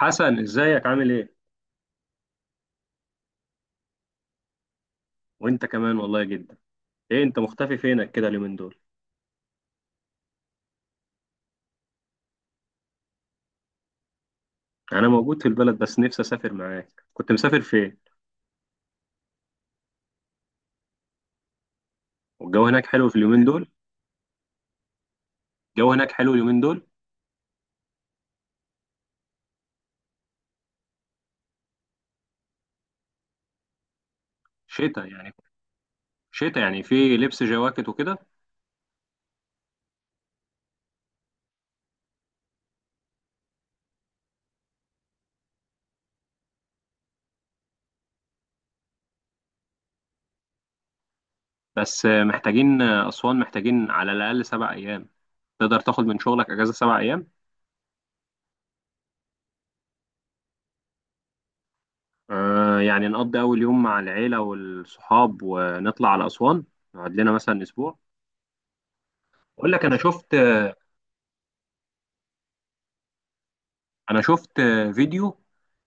حسن، ازيك؟ عامل ايه؟ وانت كمان، والله جدا. ايه انت مختفي؟ فينك كده اليومين دول؟ يعني انا موجود في البلد بس نفسي اسافر معاك. كنت مسافر فين؟ والجو هناك حلو في اليومين دول؟ الجو هناك حلو اليومين دول؟ شتاء يعني؟ شتاء يعني في لبس جواكت وكده؟ بس محتاجين اسوان، محتاجين على الاقل سبع ايام. تقدر تاخد من شغلك اجازة سبع ايام؟ آه، يعني نقضي اول يوم مع العيلة والصحاب ونطلع على اسوان، نقعد لنا مثلا اسبوع. اقول لك انا شفت فيديو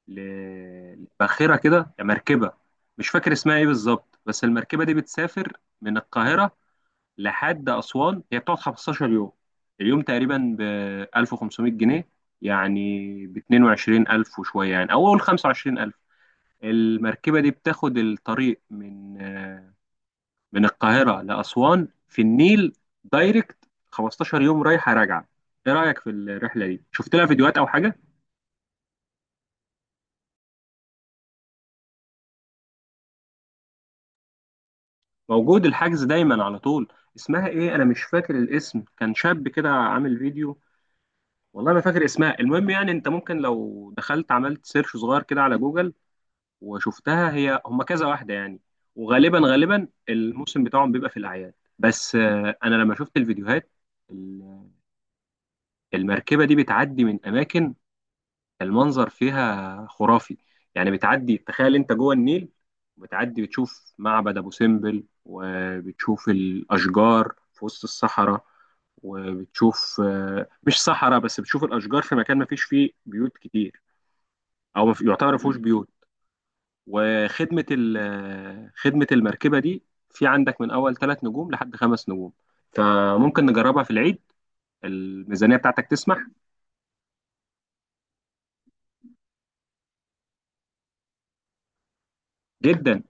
لباخرة كده، مركبة. مش فاكر اسمها ايه بالظبط، بس المركبة دي بتسافر من القاهرة لحد أسوان. هي بتقعد 15 يوم، اليوم تقريبا ب 1500 جنيه، يعني ب 22000 وشوية، يعني أو أول 25000. المركبة دي بتاخد الطريق من القاهرة لأسوان في النيل، دايركت 15 يوم رايحة راجعة. ايه رأيك في الرحلة دي؟ شفت لها فيديوهات أو حاجة؟ موجود، الحجز دايما على طول. اسمها ايه، انا مش فاكر الاسم. كان شاب كده عامل فيديو، والله ما فاكر اسمها. المهم يعني انت ممكن لو دخلت عملت سيرش صغير كده على جوجل وشفتها. هي هما كذا واحدة يعني، وغالبا غالبا الموسم بتاعهم بيبقى في الاعياد. بس انا لما شفت الفيديوهات، ال- المركبة دي بتعدي من اماكن، المنظر فيها خرافي. يعني بتعدي، تخيل انت جوه النيل، بتعدي بتشوف معبد ابو سمبل وبتشوف الاشجار في وسط الصحراء، وبتشوف مش صحراء، بس بتشوف الاشجار في مكان ما فيش فيه بيوت كتير، او ما في- يعتبر ما فيهوش بيوت. وخدمه ال- آه، خدمه المركبه دي، في عندك من اول ثلاث نجوم لحد خمس نجوم، فممكن نجربها في العيد. الميزانيه بتاعتك تسمح؟ جدا،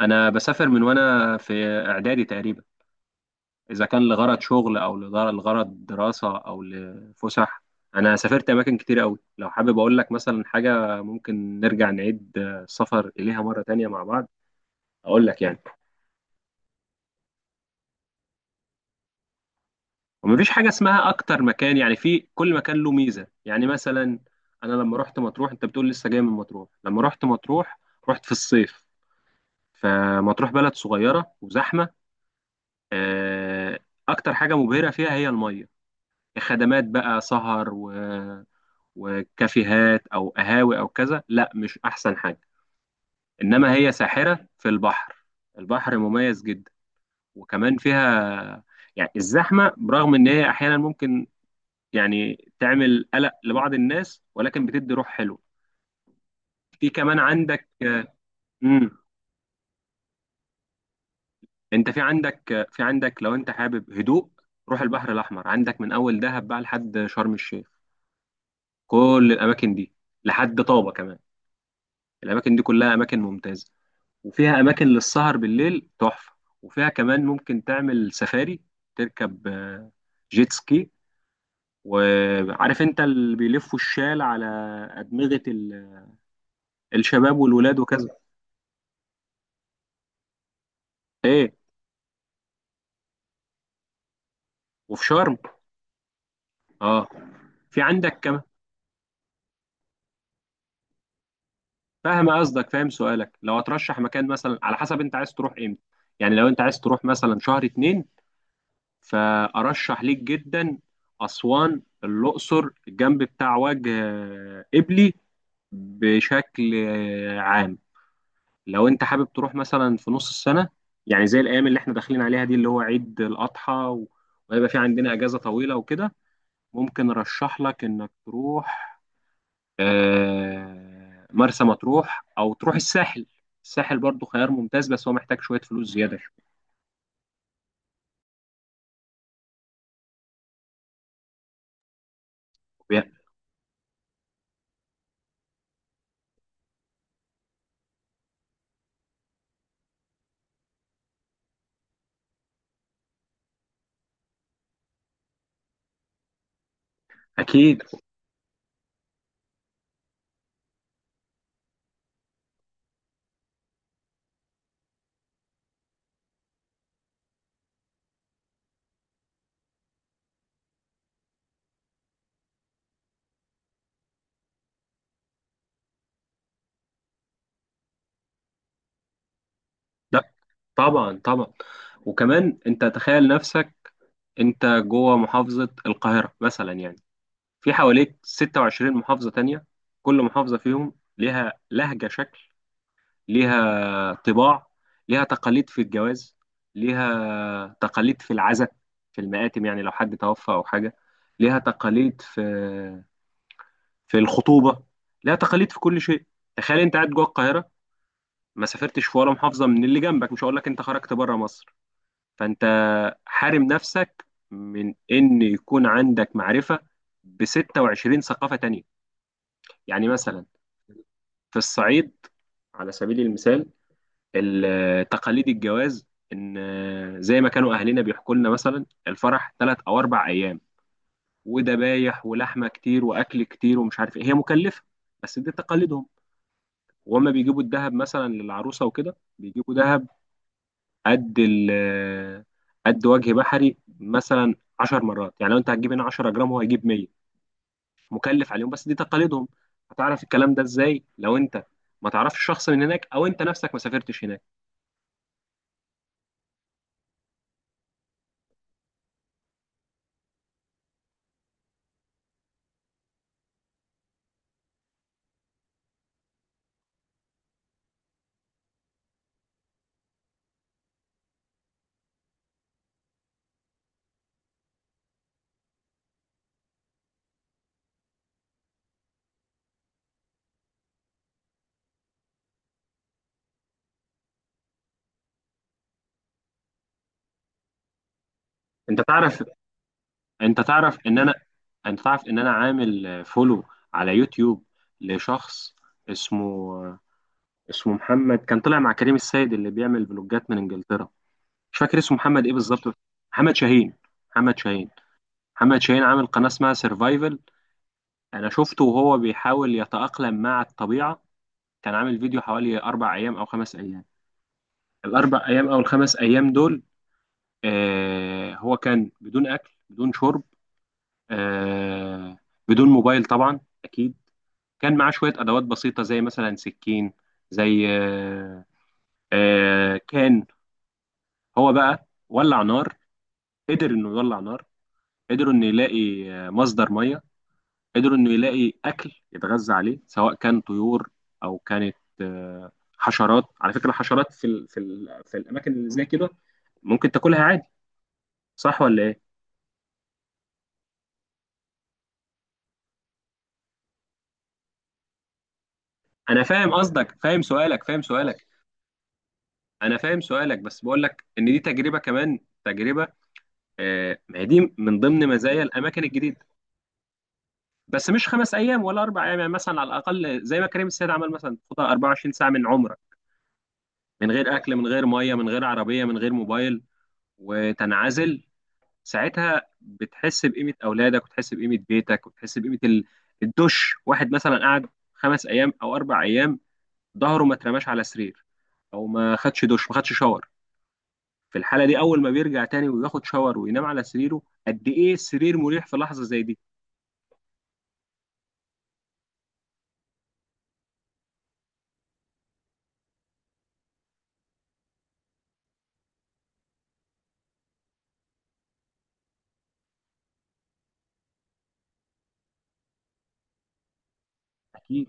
انا بسافر من وانا في اعدادي تقريبا، إذا كان لغرض شغل أو لغرض دراسة أو لفسح. أنا سافرت أماكن كتير أوي، لو حابب أقول لك مثلا حاجة ممكن نرجع نعيد السفر إليها مرة تانية مع بعض أقول لك يعني. ومفيش حاجة اسمها أكتر مكان، يعني في كل مكان له ميزة. يعني مثلا، أنا لما رحت مطروح، أنت بتقول لسه جاي من مطروح، لما رحت مطروح رحت في الصيف. فمطروح بلد صغيرة وزحمة. آه، أكتر حاجة مبهرة فيها هي المية. خدمات بقى سهر وكافيهات او قهاوي او كذا، لا، مش احسن حاجه، انما هي ساحره في البحر. البحر مميز جدا، وكمان فيها، يعني الزحمه برغم ان هي احيانا ممكن يعني تعمل قلق لبعض الناس، ولكن بتدي روح حلوه. في كمان عندك. امم. انت في عندك لو انت حابب هدوء، روح البحر الاحمر. عندك من اول دهب بقى لحد شرم الشيخ، كل الاماكن دي، لحد طابه كمان. الاماكن دي كلها اماكن ممتازه، وفيها اماكن للسهر بالليل تحفه، وفيها كمان ممكن تعمل سفاري، تركب جيت سكي، وعارف انت اللي بيلفوا الشال على ادمغه الشباب والولاد وكذا. ايه؟ وفي شرم. اه، في عندك كمان. فاهم قصدك، فاهم سؤالك. لو هترشح مكان مثلا، على حسب انت عايز تروح امتى. يعني لو انت عايز تروح مثلا شهر اتنين، فارشح ليك جدا اسوان، الاقصر، الجنب بتاع وجه قبلي بشكل عام. لو انت حابب تروح مثلا في نص السنة، يعني زي الأيام اللي احنا داخلين عليها دي اللي هو عيد الأضحى وهيبقى في عندنا أجازة طويلة وكده، ممكن أرشح لك إنك تروح مرسى مطروح أو تروح الساحل. الساحل برضو خيار ممتاز، بس هو محتاج شوية فلوس زيادة. شوية. أكيد. لا، طبعا طبعا، وكمان أنت تخيل نفسك. أنت جوه محافظة القاهرة مثلا، يعني في حواليك 26 محافظة تانية، كل محافظة فيهم ليها لهجة، شكل، ليها طباع، ليها تقاليد في الجواز، ليها تقاليد في العزاء، في المآتم، يعني لو حد توفى أو حاجة، ليها تقاليد في الخطوبة، ليها تقاليد في كل شيء. تخيل أنت قاعد جوه القاهرة، ما سافرتش في ولا محافظة من اللي جنبك، مش هقول لك أنت خرجت بره مصر، فأنت حارم نفسك من إن يكون عندك معرفة ب 26 ثقافة تانية. يعني مثلا، في الصعيد على سبيل المثال، تقاليد الجواز ان زي ما كانوا اهلنا بيحكوا لنا، مثلا الفرح ثلاث او اربع ايام، وذبايح ولحمه كتير واكل كتير ومش عارف ايه، هي مكلفه، بس دي تقاليدهم. وهما بيجيبوا الذهب مثلا للعروسه وكده، بيجيبوا ذهب قد ال قد وجه بحري مثلا 10 مرات. يعني لو انت هتجيب هنا 10 جرام هو هيجيب 100، مكلف عليهم، بس دي تقاليدهم. هتعرف الكلام ده ازاي لو انت ما تعرفش شخص من هناك او انت نفسك ما سافرتش هناك؟ انت تعرف انت تعرف ان انا انت تعرف ان انا عامل فولو على يوتيوب لشخص اسمه اسمه محمد، كان طلع مع كريم السيد اللي بيعمل فلوجات من انجلترا. مش فاكر اسمه محمد ايه بالظبط. محمد شاهين. محمد شاهين محمد شاهين عامل قناة اسمها سيرفايفل. انا شفته وهو بيحاول يتأقلم مع الطبيعة، كان عامل فيديو حوالي اربع ايام او خمس ايام. الاربع ايام او الخمس ايام دول هو كان بدون اكل، بدون شرب، آه بدون موبايل طبعا، اكيد. كان معاه شويه ادوات بسيطه، زي مثلا سكين، زي آه آه كان هو بقى ولع نار، قدر انه يولع نار، قدروا انه يلاقي مصدر ميه، قدروا انه يلاقي اكل يتغذى عليه، سواء كان طيور او كانت آه حشرات. على فكره الحشرات في الاماكن اللي زي كده ممكن تاكلها عادي، صح ولا ايه؟ انا فاهم قصدك، فاهم سؤالك. انا فاهم سؤالك بس بقول لك ان دي تجربه كمان، تجربه، ما هي دي من ضمن مزايا الاماكن الجديده. بس مش خمس ايام ولا اربع ايام، يعني مثلا على الاقل زي ما كريم السيد عمل، مثلا تاخدها 24 ساعه من عمرك، من غير اكل، من غير ميه، من غير عربيه، من غير موبايل، وتنعزل. ساعتها بتحس بقيمه اولادك وتحس بقيمه بيتك وتحس بقيمه الدش. واحد مثلا قعد خمس ايام او اربع ايام، ظهره ما اترماش على سرير، او ما خدش دش، ما خدش شاور. في الحاله دي، اول ما بيرجع تاني وياخد شاور وينام على سريره، قد ايه السرير مريح في لحظه زي دي! أكيد.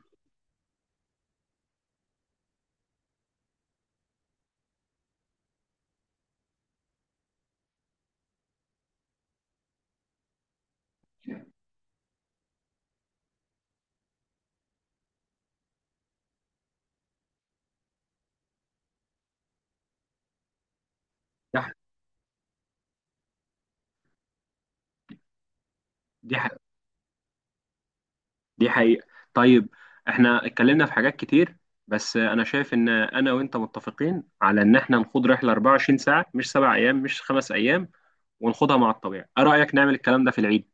دي ح- دي ح- دي حقيقة. طيب، احنا اتكلمنا في حاجات كتير، بس انا شايف ان انا وانت متفقين على ان احنا نخوض رحلة 24 ساعة، مش سبع ايام، مش خمس ايام، ونخوضها مع الطبيعة. ايه رأيك نعمل الكلام ده في العيد؟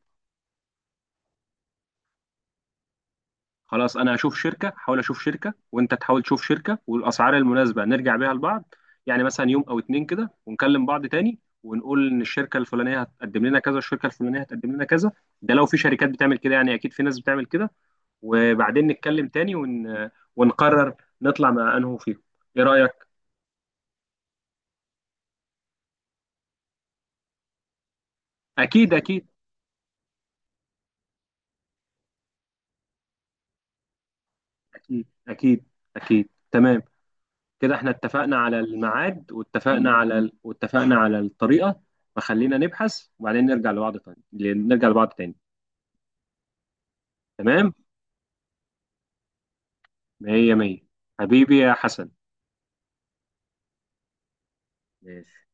خلاص، انا هشوف شركة، حاول اشوف شركة، وانت تحاول تشوف شركة، والاسعار المناسبة نرجع بيها لبعض. يعني مثلا يوم او اتنين كده، ونكلم بعض تاني ونقول ان الشركة الفلانية هتقدم لنا كذا، الشركة الفلانية هتقدم لنا كذا. ده لو في شركات بتعمل كده، يعني اكيد في ناس بتعمل كده، وبعدين نتكلم تاني ون... ونقرر نطلع مع انه فيهم. ايه رأيك؟ اكيد، اكيد، اكيد، اكيد، اكيد، تمام. كده احنا اتفقنا على الميعاد، واتفقنا على ال... واتفقنا على الطريقة، فخلينا نبحث وبعدين نرجع لبعض تاني، نرجع لبعض تاني. تمام، مية مية. حبيبي يا حسن. ماشي.